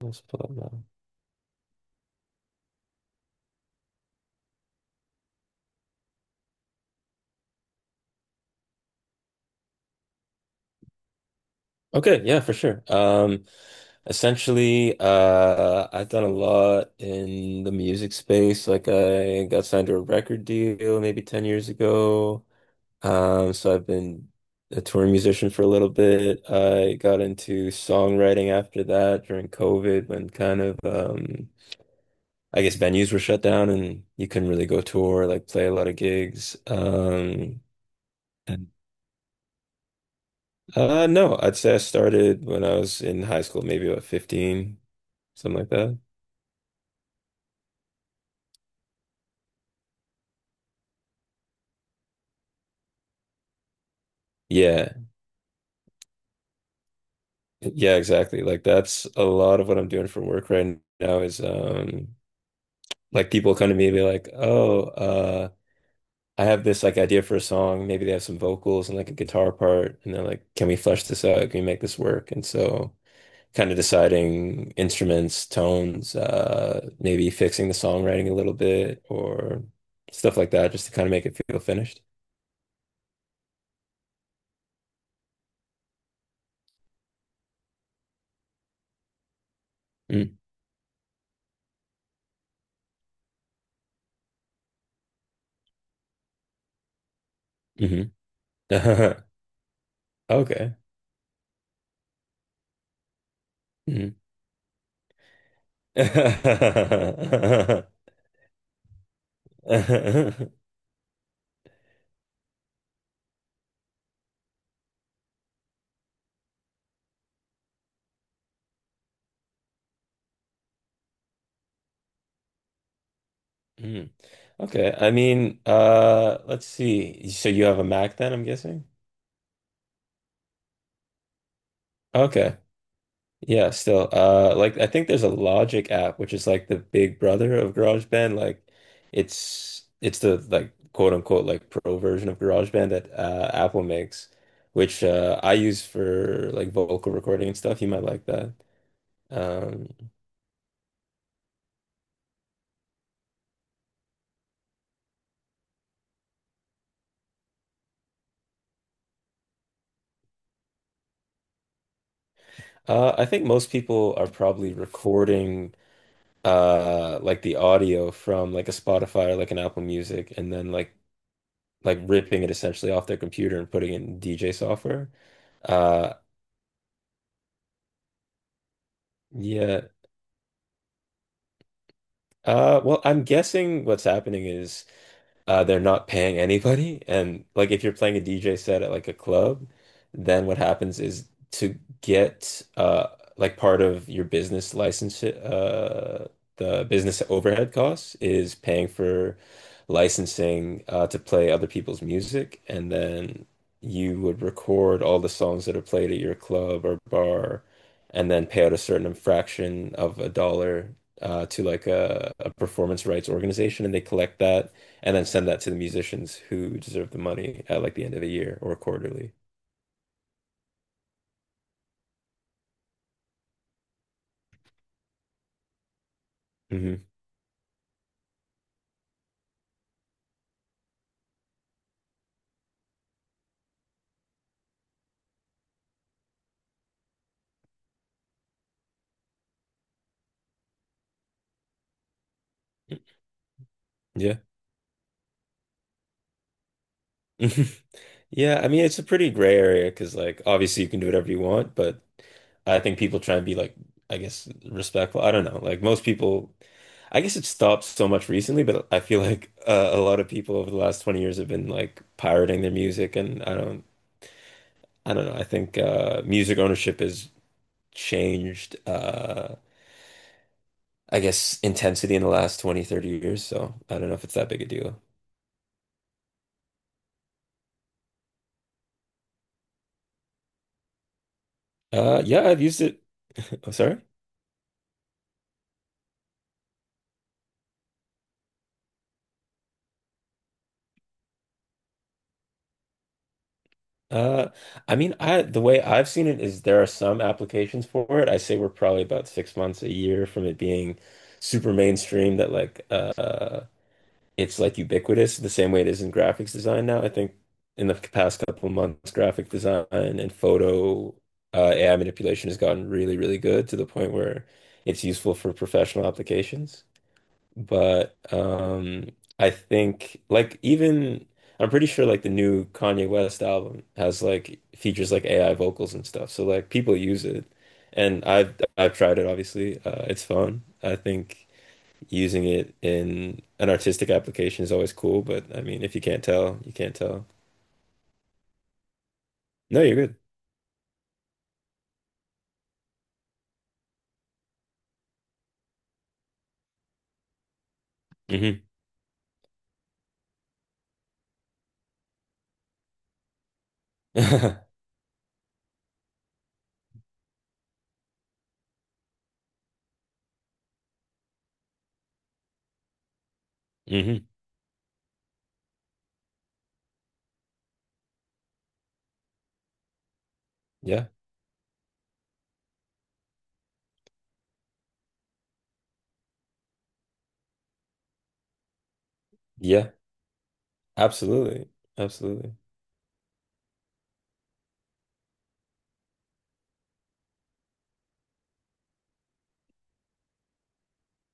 Let's pull up now. Okay. Yeah, for sure. I've done a lot in the music space. I got signed to a record deal maybe 10 years ago. So I've been a touring musician for a little bit. I got into songwriting after that during COVID when I guess venues were shut down and you couldn't really go tour, like play a lot of gigs. No, I'd say I started when I was in high school, maybe about 15, something like that. Yeah. Yeah, exactly. Like that's a lot of what I'm doing for work right now is like people come to me and be like, "Oh, I have this like idea for a song. Maybe they have some vocals and like a guitar part and they're like, "Can we flesh this out? Can we make this work?" And so kind of deciding instruments, tones, maybe fixing the songwriting a little bit or stuff like that just to kind of make it feel finished. Mm. hmm Okay. Mhm. Mhm. Okay. Let's see. So you have a Mac then, I'm guessing? Okay. Yeah, still. I think there's a Logic app, which is like the big brother of GarageBand. It's the like quote unquote like pro version of GarageBand that Apple makes, which I use for like vocal recording and stuff. You might like that. Um, I think most people are probably recording like the audio from like a Spotify or like an Apple Music and then like ripping it essentially off their computer and putting it in DJ software. Uh yeah. Well, I'm guessing what's happening is they're not paying anybody. And like if you're playing a DJ set at like a club, then what happens is to get like part of your business license, the business overhead costs is paying for licensing to play other people's music. And then you would record all the songs that are played at your club or bar and then pay out a certain fraction of a dollar. To like a performance rights organization, and they collect that and then send that to the musicians who deserve the money at like the end of the year or quarterly. Hmm Yeah. Yeah, I mean it's a pretty gray area because like obviously you can do whatever you want, but I think people try and be like I guess respectful. I don't know. Like most people I guess it stopped so much recently, but I feel like a lot of people over the last 20 years have been like pirating their music and I don't know. I think music ownership has changed I guess, intensity in the last 20, 30 years. So I don't know if it's that big a deal. Yeah, I've used it. Oh, sorry. Uh, I mean, I the way I've seen it is there are some applications for it. I say we're probably about 6 months, a year from it being super mainstream that it's like ubiquitous the same way it is in graphics design now. I think in the past couple months, graphic design and photo AI manipulation has gotten really, really good to the point where it's useful for professional applications. But I think like even I'm pretty sure like the new Kanye West album has like features like AI vocals and stuff. So like people use it. And I've tried it obviously. It's fun. I think using it in an artistic application is always cool, but I mean if you can't tell, you can't tell. No, you're good. Hmm hmm Yeah. Yeah. Absolutely. Absolutely.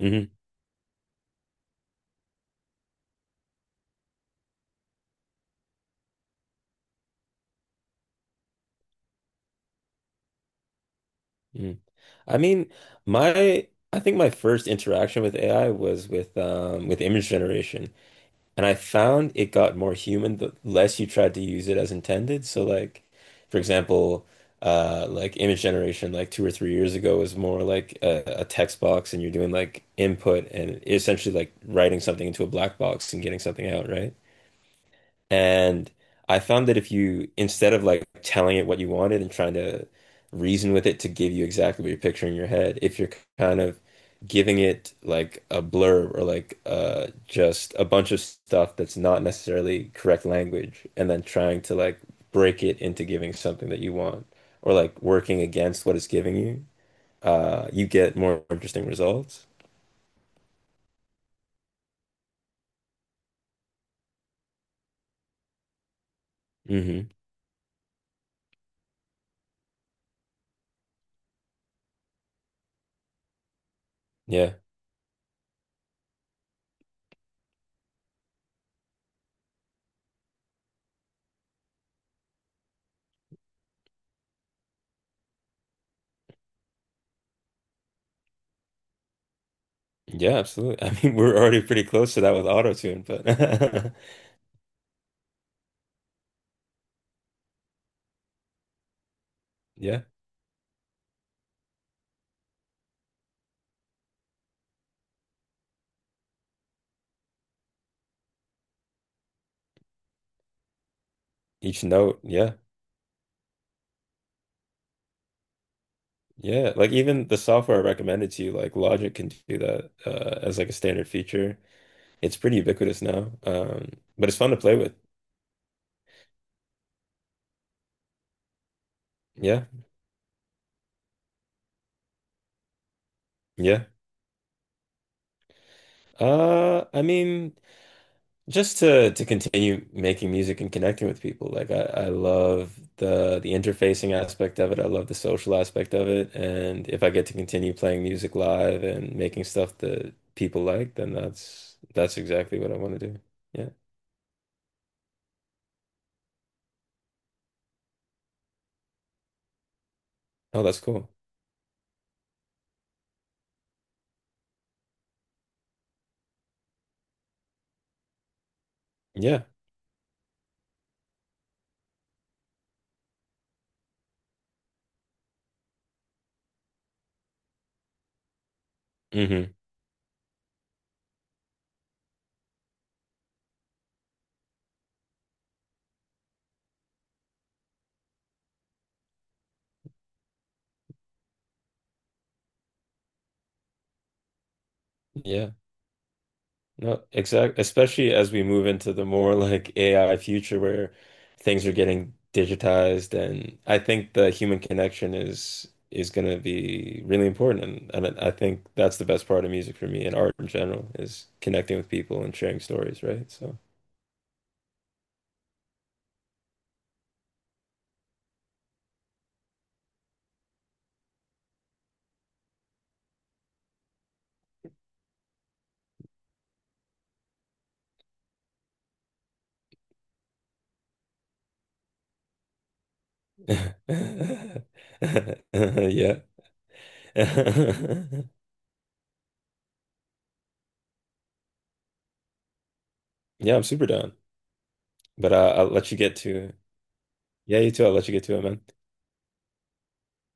Hmm I mean, my I think my first interaction with AI was with image generation, and I found it got more human the less you tried to use it as intended. So like, for example, like image generation like 2 or 3 years ago was more like a text box and you're doing like input and essentially like writing something into a black box and getting something out, right? And I found that if you, instead of like telling it what you wanted and trying to reason with it to give you exactly what you're picturing in your head, if you're kind of giving it like a blurb or like just a bunch of stuff that's not necessarily correct language, and then trying to like break it into giving something that you want or like working against what it's giving you, you get more interesting results. Hmm Yeah. Yeah, absolutely. I mean, we're already pretty close to that with auto tune, but yeah. Each note, yeah. Yeah. Like even the software I recommended to you, like Logic can do that as like a standard feature. It's pretty ubiquitous now. But it's fun to play with. Yeah. Yeah. I mean, just to continue making music and connecting with people. I love the interfacing aspect of it. I love the social aspect of it. And if I get to continue playing music live and making stuff that people like, then that's exactly what I want to do. Yeah. Oh, that's cool. Yeah. hmm Yeah, no, exact. Especially as we move into the more like AI future where things are getting digitized, and I think the human connection is going to be really important. And I think that's the best part of music for me and art in general is connecting with people and sharing stories, right? So, yeah, yeah, I'm super down. But I'll let you get to. Yeah, you too. I'll let you get to it, man.